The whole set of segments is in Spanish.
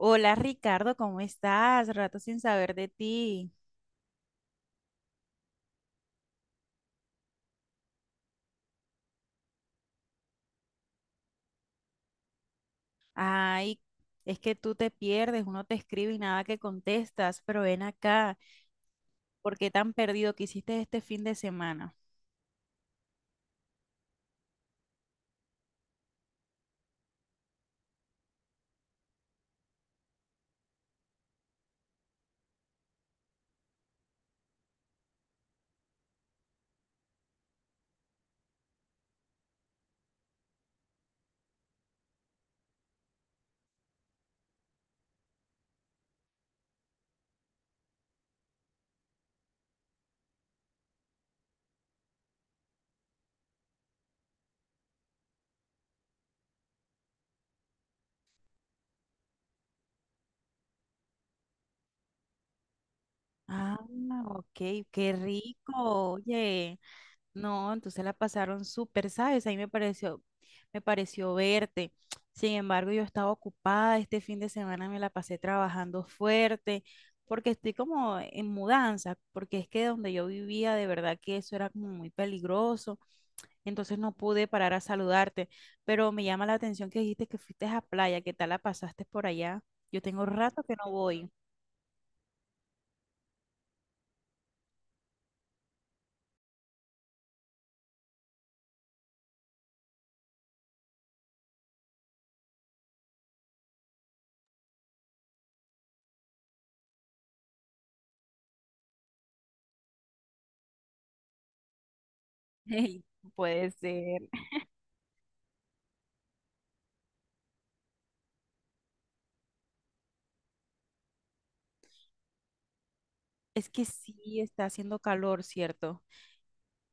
Hola Ricardo, ¿cómo estás? Rato sin saber de ti. Ay, es que tú te pierdes, uno te escribe y nada que contestas, pero ven acá, ¿por qué tan perdido? ¿Qué hiciste este fin de semana? Ah, ok, qué rico, oye. No, entonces la pasaron súper, ¿sabes? Me pareció verte. Sin embargo, yo estaba ocupada, este fin de semana me la pasé trabajando fuerte, porque estoy como en mudanza, porque es que donde yo vivía, de verdad que eso era como muy peligroso, entonces no pude parar a saludarte, pero me llama la atención que dijiste que fuiste a playa, ¿qué tal la pasaste por allá? Yo tengo rato que no voy. Puede ser. Es que sí, está haciendo calor, ¿cierto?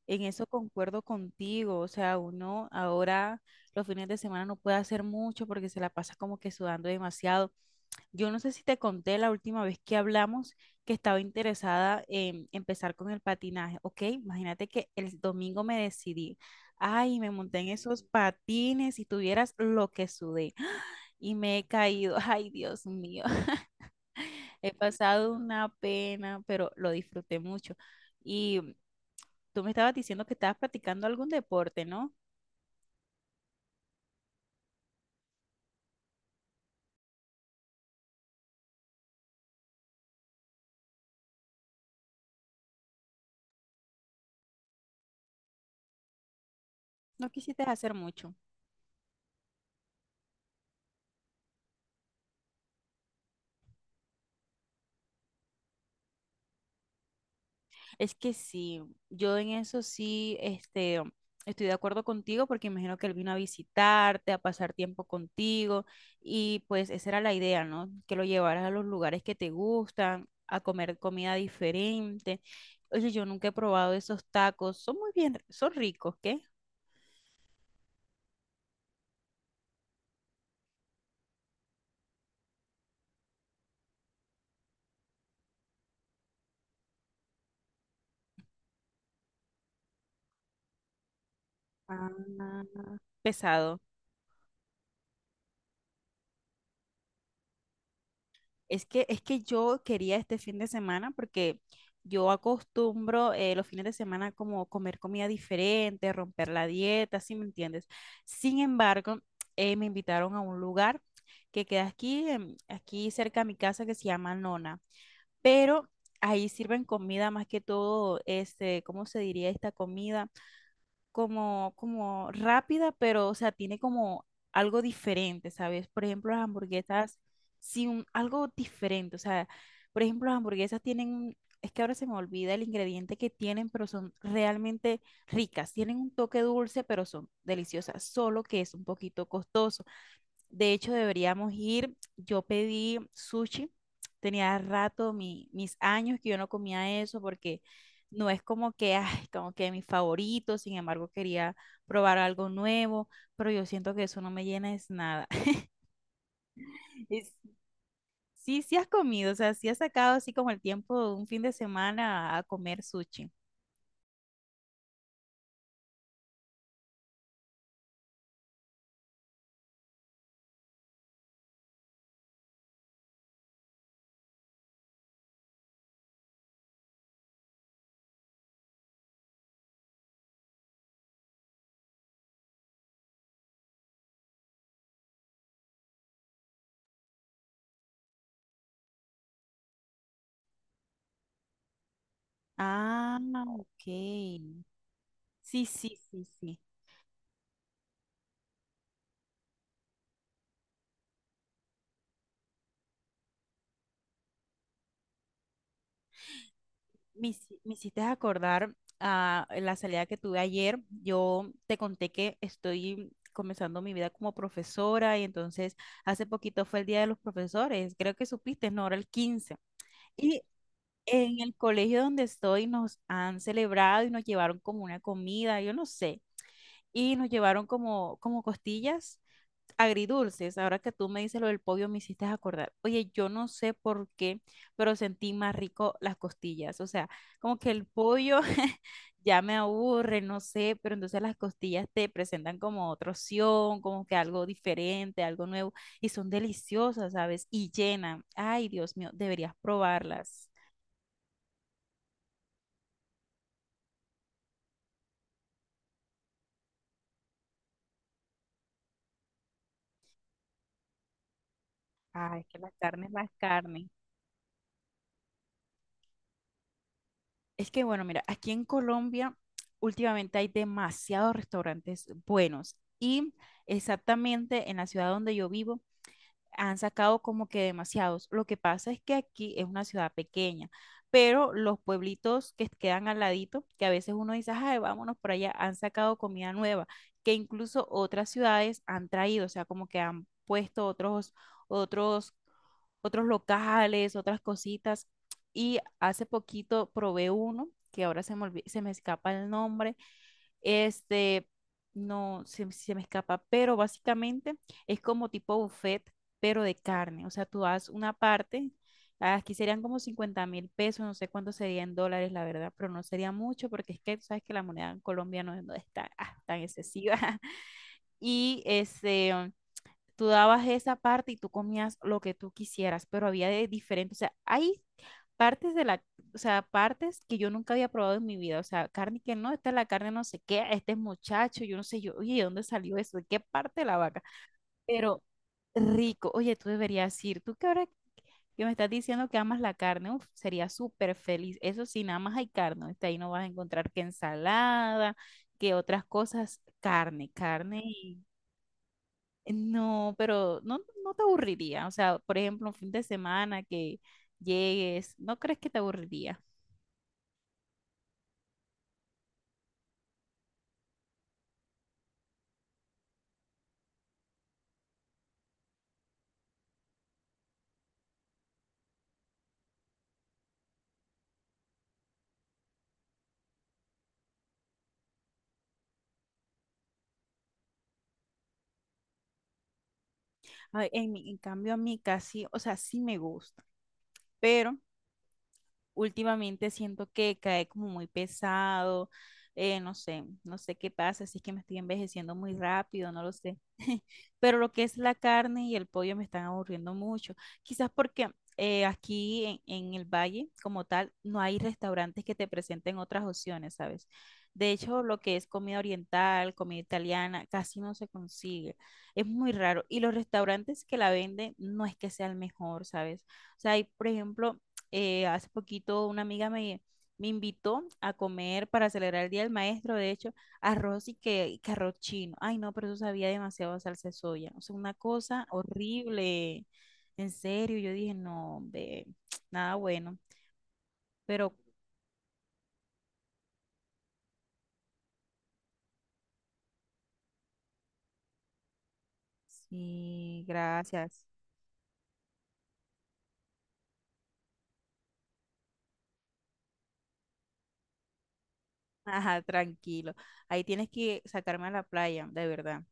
En eso concuerdo contigo, o sea, uno ahora los fines de semana no puede hacer mucho porque se la pasa como que sudando demasiado. Yo no sé si te conté la última vez que hablamos que estaba interesada en empezar con el patinaje, ¿ok? Imagínate que el domingo me decidí, ay, me monté en esos patines y tuvieras lo que sudé. Y me he caído, ay, Dios mío. He pasado una pena, pero lo disfruté mucho. Y tú me estabas diciendo que estabas practicando algún deporte, ¿no? No quisiste hacer mucho. Es que sí, yo en eso sí, estoy de acuerdo contigo porque imagino que él vino a visitarte, a pasar tiempo contigo y pues esa era la idea, ¿no? Que lo llevaras a los lugares que te gustan, a comer comida diferente. Oye, yo nunca he probado esos tacos, son muy bien, son ricos, ¿qué? Ah, pesado. Es que yo quería este fin de semana porque yo acostumbro los fines de semana como comer comida diferente, romper la dieta, ¿sí me entiendes? Sin embargo, me invitaron a un lugar que queda aquí, aquí cerca de mi casa que se llama Nona, pero ahí sirven comida más que todo, este, ¿cómo se diría esta comida? Como, como rápida, pero, o sea, tiene como algo diferente, ¿sabes? Por ejemplo, las hamburguesas, sí, algo diferente, o sea, por ejemplo, las hamburguesas tienen, es que ahora se me olvida el ingrediente que tienen, pero son realmente ricas, tienen un toque dulce, pero son deliciosas, solo que es un poquito costoso. De hecho, deberíamos ir. Yo pedí sushi. Tenía rato, mis años que yo no comía eso porque no es como que, ay, como que mi favorito. Sin embargo, quería probar algo nuevo, pero yo siento que eso no me llena es nada. Es- sí, sí has comido, o sea, sí has sacado así como el tiempo de un fin de semana a comer sushi. Ah, ok. Sí, sí, sí, sí. Me hiciste acordar a la salida que tuve ayer. Yo te conté que estoy comenzando mi vida como profesora y entonces hace poquito fue el Día de los Profesores, creo que supiste, no, era el 15. Y en el colegio donde estoy nos han celebrado y nos llevaron como una comida, yo no sé, y nos llevaron como, como costillas agridulces, ahora que tú me dices lo del pollo, me hiciste acordar. Oye, yo no sé por qué, pero sentí más rico las costillas. O sea, como que el pollo ya me aburre, no sé, pero entonces las costillas te presentan como otra opción, como que algo diferente, algo nuevo, y son deliciosas, ¿sabes? Y llenan. Ay, Dios mío, deberías probarlas. Ay, que las carnes, las carnes. Es que bueno, mira, aquí en Colombia últimamente hay demasiados restaurantes buenos y exactamente en la ciudad donde yo vivo han sacado como que demasiados. Lo que pasa es que aquí es una ciudad pequeña, pero los pueblitos que quedan al ladito, que a veces uno dice, ay, vámonos por allá, han sacado comida nueva, que incluso otras ciudades han traído, o sea, como que han puesto otros, otros, otros locales, otras cositas. Y hace poquito probé uno, que ahora se me, se me escapa el nombre, este, no se, se me escapa, pero básicamente es como tipo buffet, pero de carne. O sea, tú das una parte, aquí serían como 50.000 pesos, no sé cuánto sería en dólares, la verdad, pero no sería mucho porque es que tú sabes que la moneda en Colombia no, es no es tan, ah, tan excesiva. Y este, tú dabas esa parte y tú comías lo que tú quisieras, pero había de diferente, o sea, hay partes de la, o sea, partes que yo nunca había probado en mi vida, o sea, carne que no, esta es la carne no sé qué, este es muchacho, yo no sé, yo, oye, ¿de dónde salió eso? ¿De qué parte de la vaca? Pero rico, oye, tú deberías ir, tú que ahora que me estás diciendo que amas la carne, uf, sería súper feliz, eso sí, nada más hay carne, está ahí no vas a encontrar que ensalada, que otras cosas, carne, carne y... No, pero no, no te aburriría, o sea, por ejemplo, un fin de semana que llegues, ¿no crees que te aburriría? Ay, en, en cambio, a mí casi, o sea, sí me gusta, pero últimamente siento que cae como muy pesado, no sé, no sé qué pasa, si es que me estoy envejeciendo muy rápido, no lo sé. Pero lo que es la carne y el pollo me están aburriendo mucho. Quizás porque aquí en el valle, como tal, no hay restaurantes que te presenten otras opciones, ¿sabes? De hecho, lo que es comida oriental, comida italiana, casi no se consigue. Es muy raro. Y los restaurantes que la venden no es que sea el mejor, ¿sabes? O sea, hay, por ejemplo, hace poquito una amiga me invitó a comer para celebrar el Día del Maestro, de hecho, arroz y que arroz chino. Ay, no, pero eso sabía demasiado a salsa de soya. O sea, una cosa horrible. En serio, yo dije, no, hombre, nada bueno. Pero sí, gracias. Ajá, tranquilo. Ahí tienes que sacarme a la playa, de verdad.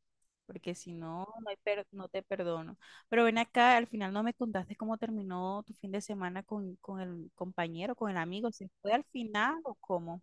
Porque si no, no, hay no te perdono. Pero ven acá, al final no me contaste cómo terminó tu fin de semana con el compañero, con el amigo. ¿Se fue al final o cómo?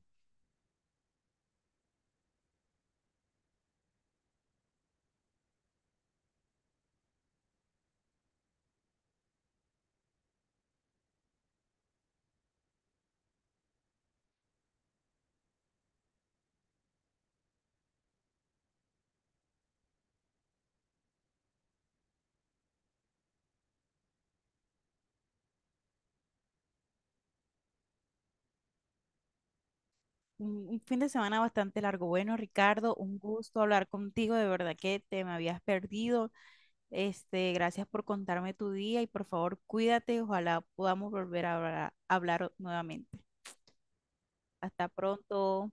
Un fin de semana bastante largo. Bueno, Ricardo, un gusto hablar contigo. De verdad que te me habías perdido. Este, gracias por contarme tu día y por favor, cuídate. Ojalá podamos volver a hablar nuevamente. Hasta pronto.